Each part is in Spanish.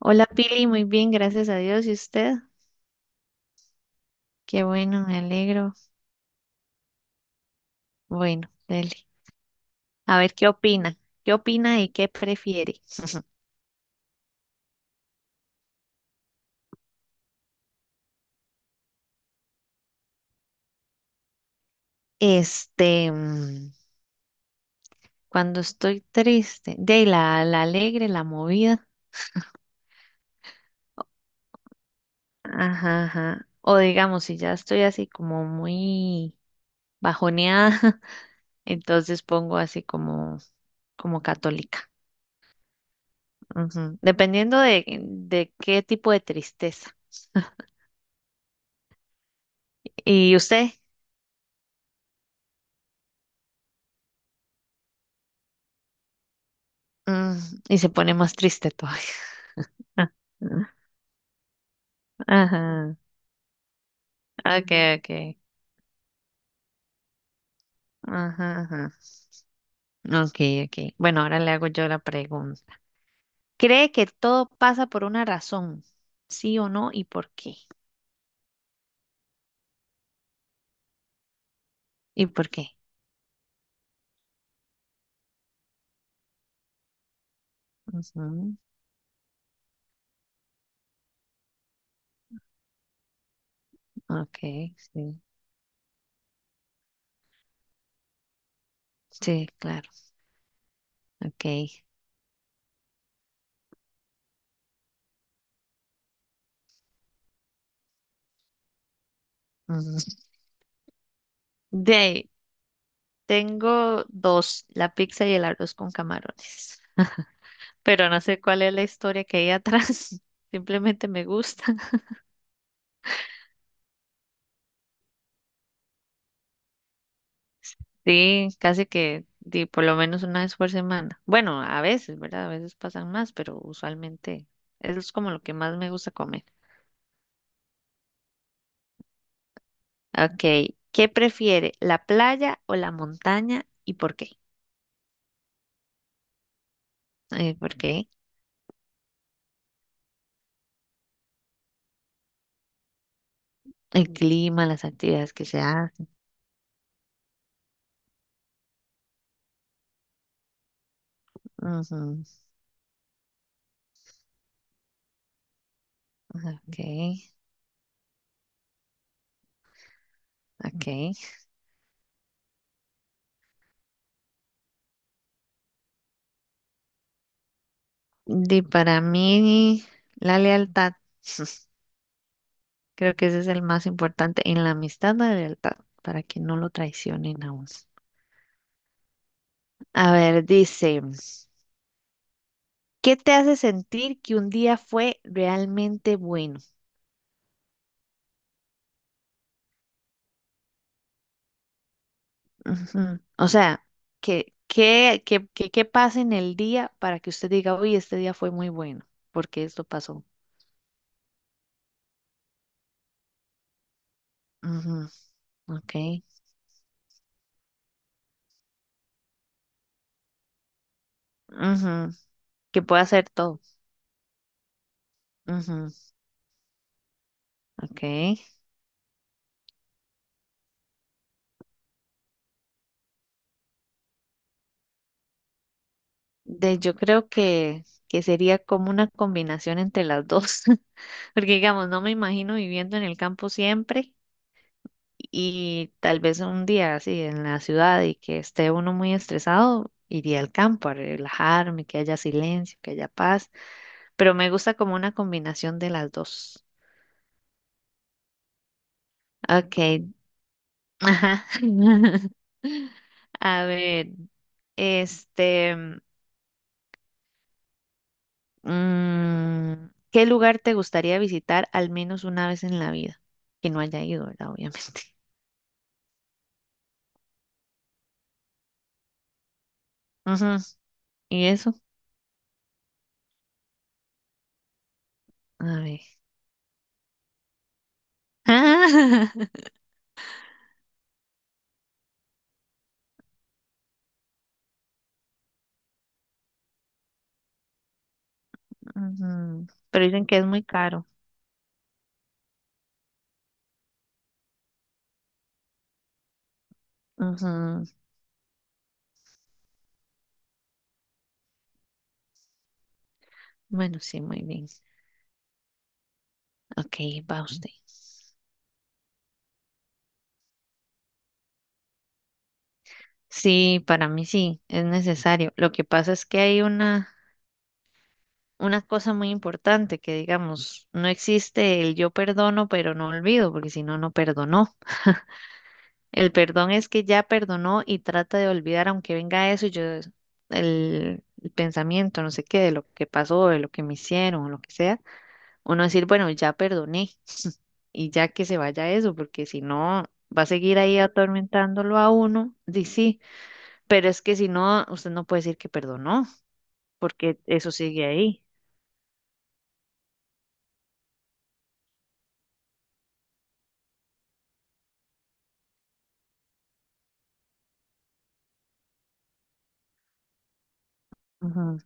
Hola Pili, muy bien, gracias a Dios. ¿Y usted? Qué bueno, me alegro. Bueno, dele. A ver, ¿qué opina? ¿Qué opina y qué prefiere? Este, mm, cuando estoy triste, de la alegre, la movida. Ajá, ajá. O digamos, si ya estoy así como muy bajoneada, entonces pongo así como católica. Ujú. Dependiendo de qué tipo de tristeza. ¿Y usted? Mm, y se pone más triste todavía. Ah, ajá. Okay, okay. Ajá, ajá. Okay, okay. Bueno, ahora le hago yo la pregunta. ¿Cree que todo pasa por una razón? ¿Sí o no? ¿Y por qué? ¿Y por qué? Ujú, okay, sí. Sí, claro. Okay. Ujú. De ahí, tengo dos, la pizza y el arroz con camarones. Pero no sé cuál es la historia que hay atrás. Simplemente me gusta. Sí, casi que di, por lo menos una vez por semana. Bueno, a veces, ¿verdad? A veces pasan más, pero usualmente eso es como lo que más me gusta comer. Ok, ¿qué prefiere, la playa o la montaña y por qué? ¿Por qué? El clima, las actividades que se hacen. Ujú, ok, ok. Di, para mí, la lealtad. Creo que ese es el más importante en la amistad, la lealtad, para que no lo traicionen a uno. A ver, dice. ¿Qué te hace sentir que un día fue realmente bueno? Ujú. O sea, ¿qué pasa en el día para que usted diga, uy, este día fue muy bueno, porque esto pasó? Ujú, ok. Ujú, que pueda hacer todo. Ujú, ok. De, yo creo que sería como una combinación entre las dos, porque digamos, no me imagino viviendo en el campo siempre. Y tal vez un día así en la ciudad y que esté uno muy estresado, iría al campo a relajarme, que haya silencio, que haya paz, pero me gusta como una combinación de las dos. Ok, ajá. A ver, este, mm, ¿qué lugar te gustaría visitar al menos una vez en la vida? Que no haya ido, ¿verdad? Obviamente. Ujú. ¿Y eso? A ver. Ujú. Pero dicen que es muy caro. Ujú. Bueno, sí, muy bien. Ok, va usted. Sí, para mí sí, es necesario. Lo que pasa es que hay una cosa muy importante que digamos, no existe el yo perdono, pero no olvido, porque si no, no perdonó. El perdón es que ya perdonó y trata de olvidar, aunque venga eso, y yo el pensamiento, no sé qué, de lo que pasó, de lo que me hicieron, o lo que sea, uno decir, bueno, ya perdoné y ya que se vaya eso, porque si no, va a seguir ahí atormentándolo a uno, di sí, pero es que si no, usted no puede decir que perdonó, porque eso sigue ahí. Ujú.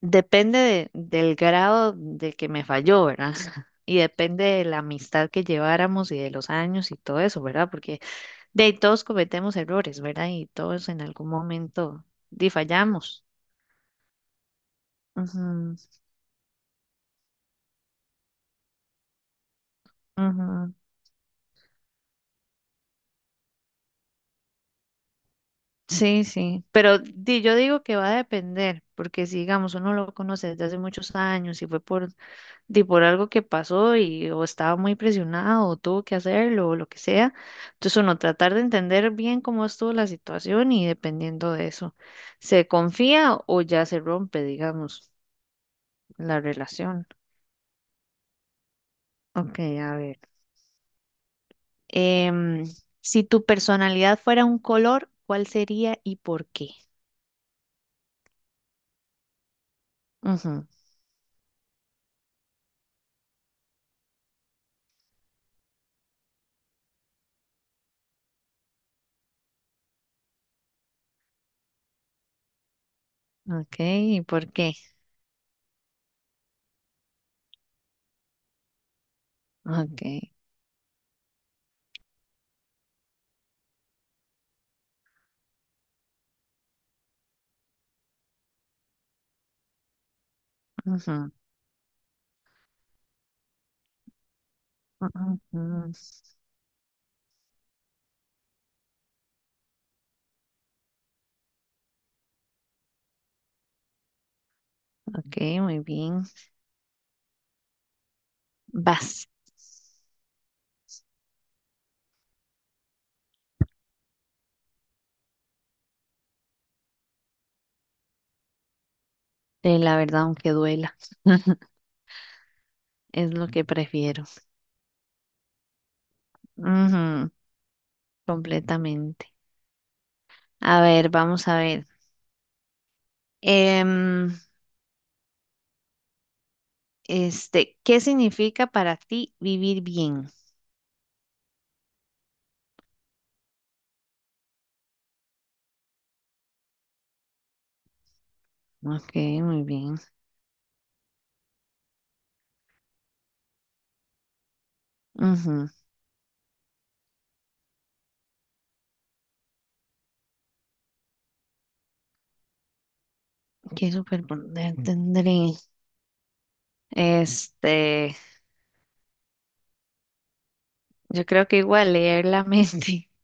Depende del grado de que me falló, ¿verdad? Y depende de la amistad que lleváramos y de los años y todo eso, ¿verdad? Porque de ahí todos cometemos errores, ¿verdad? Y todos en algún momento di fallamos. Ujú, ujú. Sí, sí, pero di- yo digo que va a depender, porque si digamos uno lo conoce desde hace muchos años y fue por, di, por algo que pasó y o estaba muy presionado o tuvo que hacerlo o lo que sea, entonces uno tratar de entender bien cómo estuvo la situación y dependiendo de eso, se confía o ya se rompe, digamos, la relación. Ok, a ver. em, si tu personalidad fuera un color, ¿cuál sería y por qué? Ujú, ok, ¿y por qué? Ok. Ujú, ujú. Ujú. Ok, muy bien. Vas. La verdad, aunque duela, es lo que prefiero. Ujú, completamente. A ver, vamos a ver. Em, ¿Qué significa para ti vivir bien? Ok, muy bien. Ujú. ¿Qué superpoder tendré? Este, yo creo que igual leer la mente.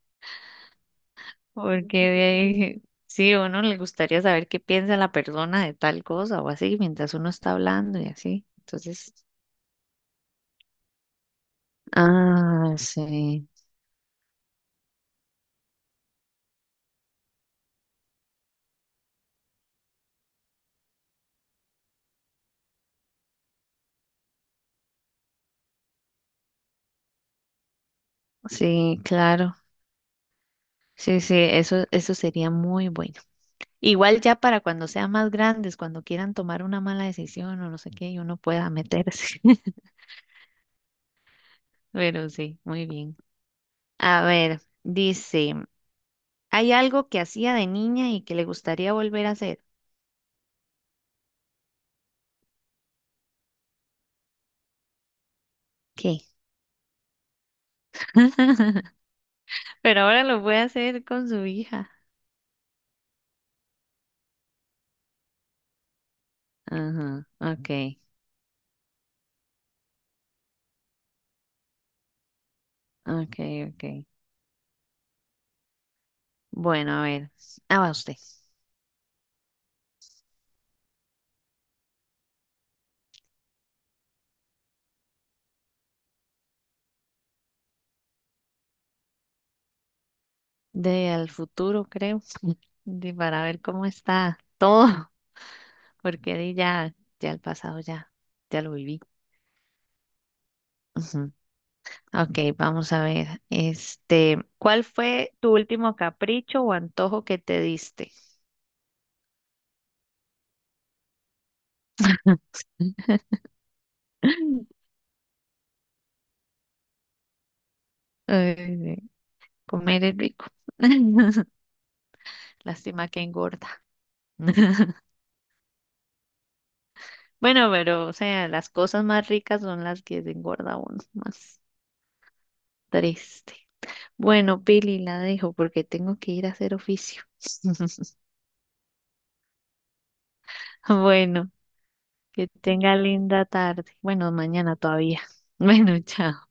Porque de ahí, sí, a uno le gustaría saber qué piensa la persona de tal cosa o así, mientras uno está hablando y así. Entonces, ah, sí, sí, claro. Sí, sí, eso sería muy bueno. Igual ya para cuando sean más grandes, cuando quieran tomar una mala decisión o no sé qué, y uno pueda meterse. Pero sí, muy bien. A ver, dice, ¿hay algo que hacía de niña y que le gustaría volver a hacer? ¿Qué? Pero ahora lo voy a hacer con su hija. Ajá, ok, ok, ok. Bueno, a ver, ah, va usted. De al futuro, creo, de para ver cómo está todo, porque de ya, ya el pasado ya, ya lo viví. Ujú. Ok, vamos a ver, ¿cuál fue tu último capricho o antojo que te diste? Ay, comer es rico. Lástima que engorda. Bueno, pero, o sea, las cosas más ricas son las que engorda uno más. Triste. Bueno, Pili, la dejo porque tengo que ir a hacer oficio. Bueno, que tenga linda tarde. Bueno, mañana todavía. Bueno, chao.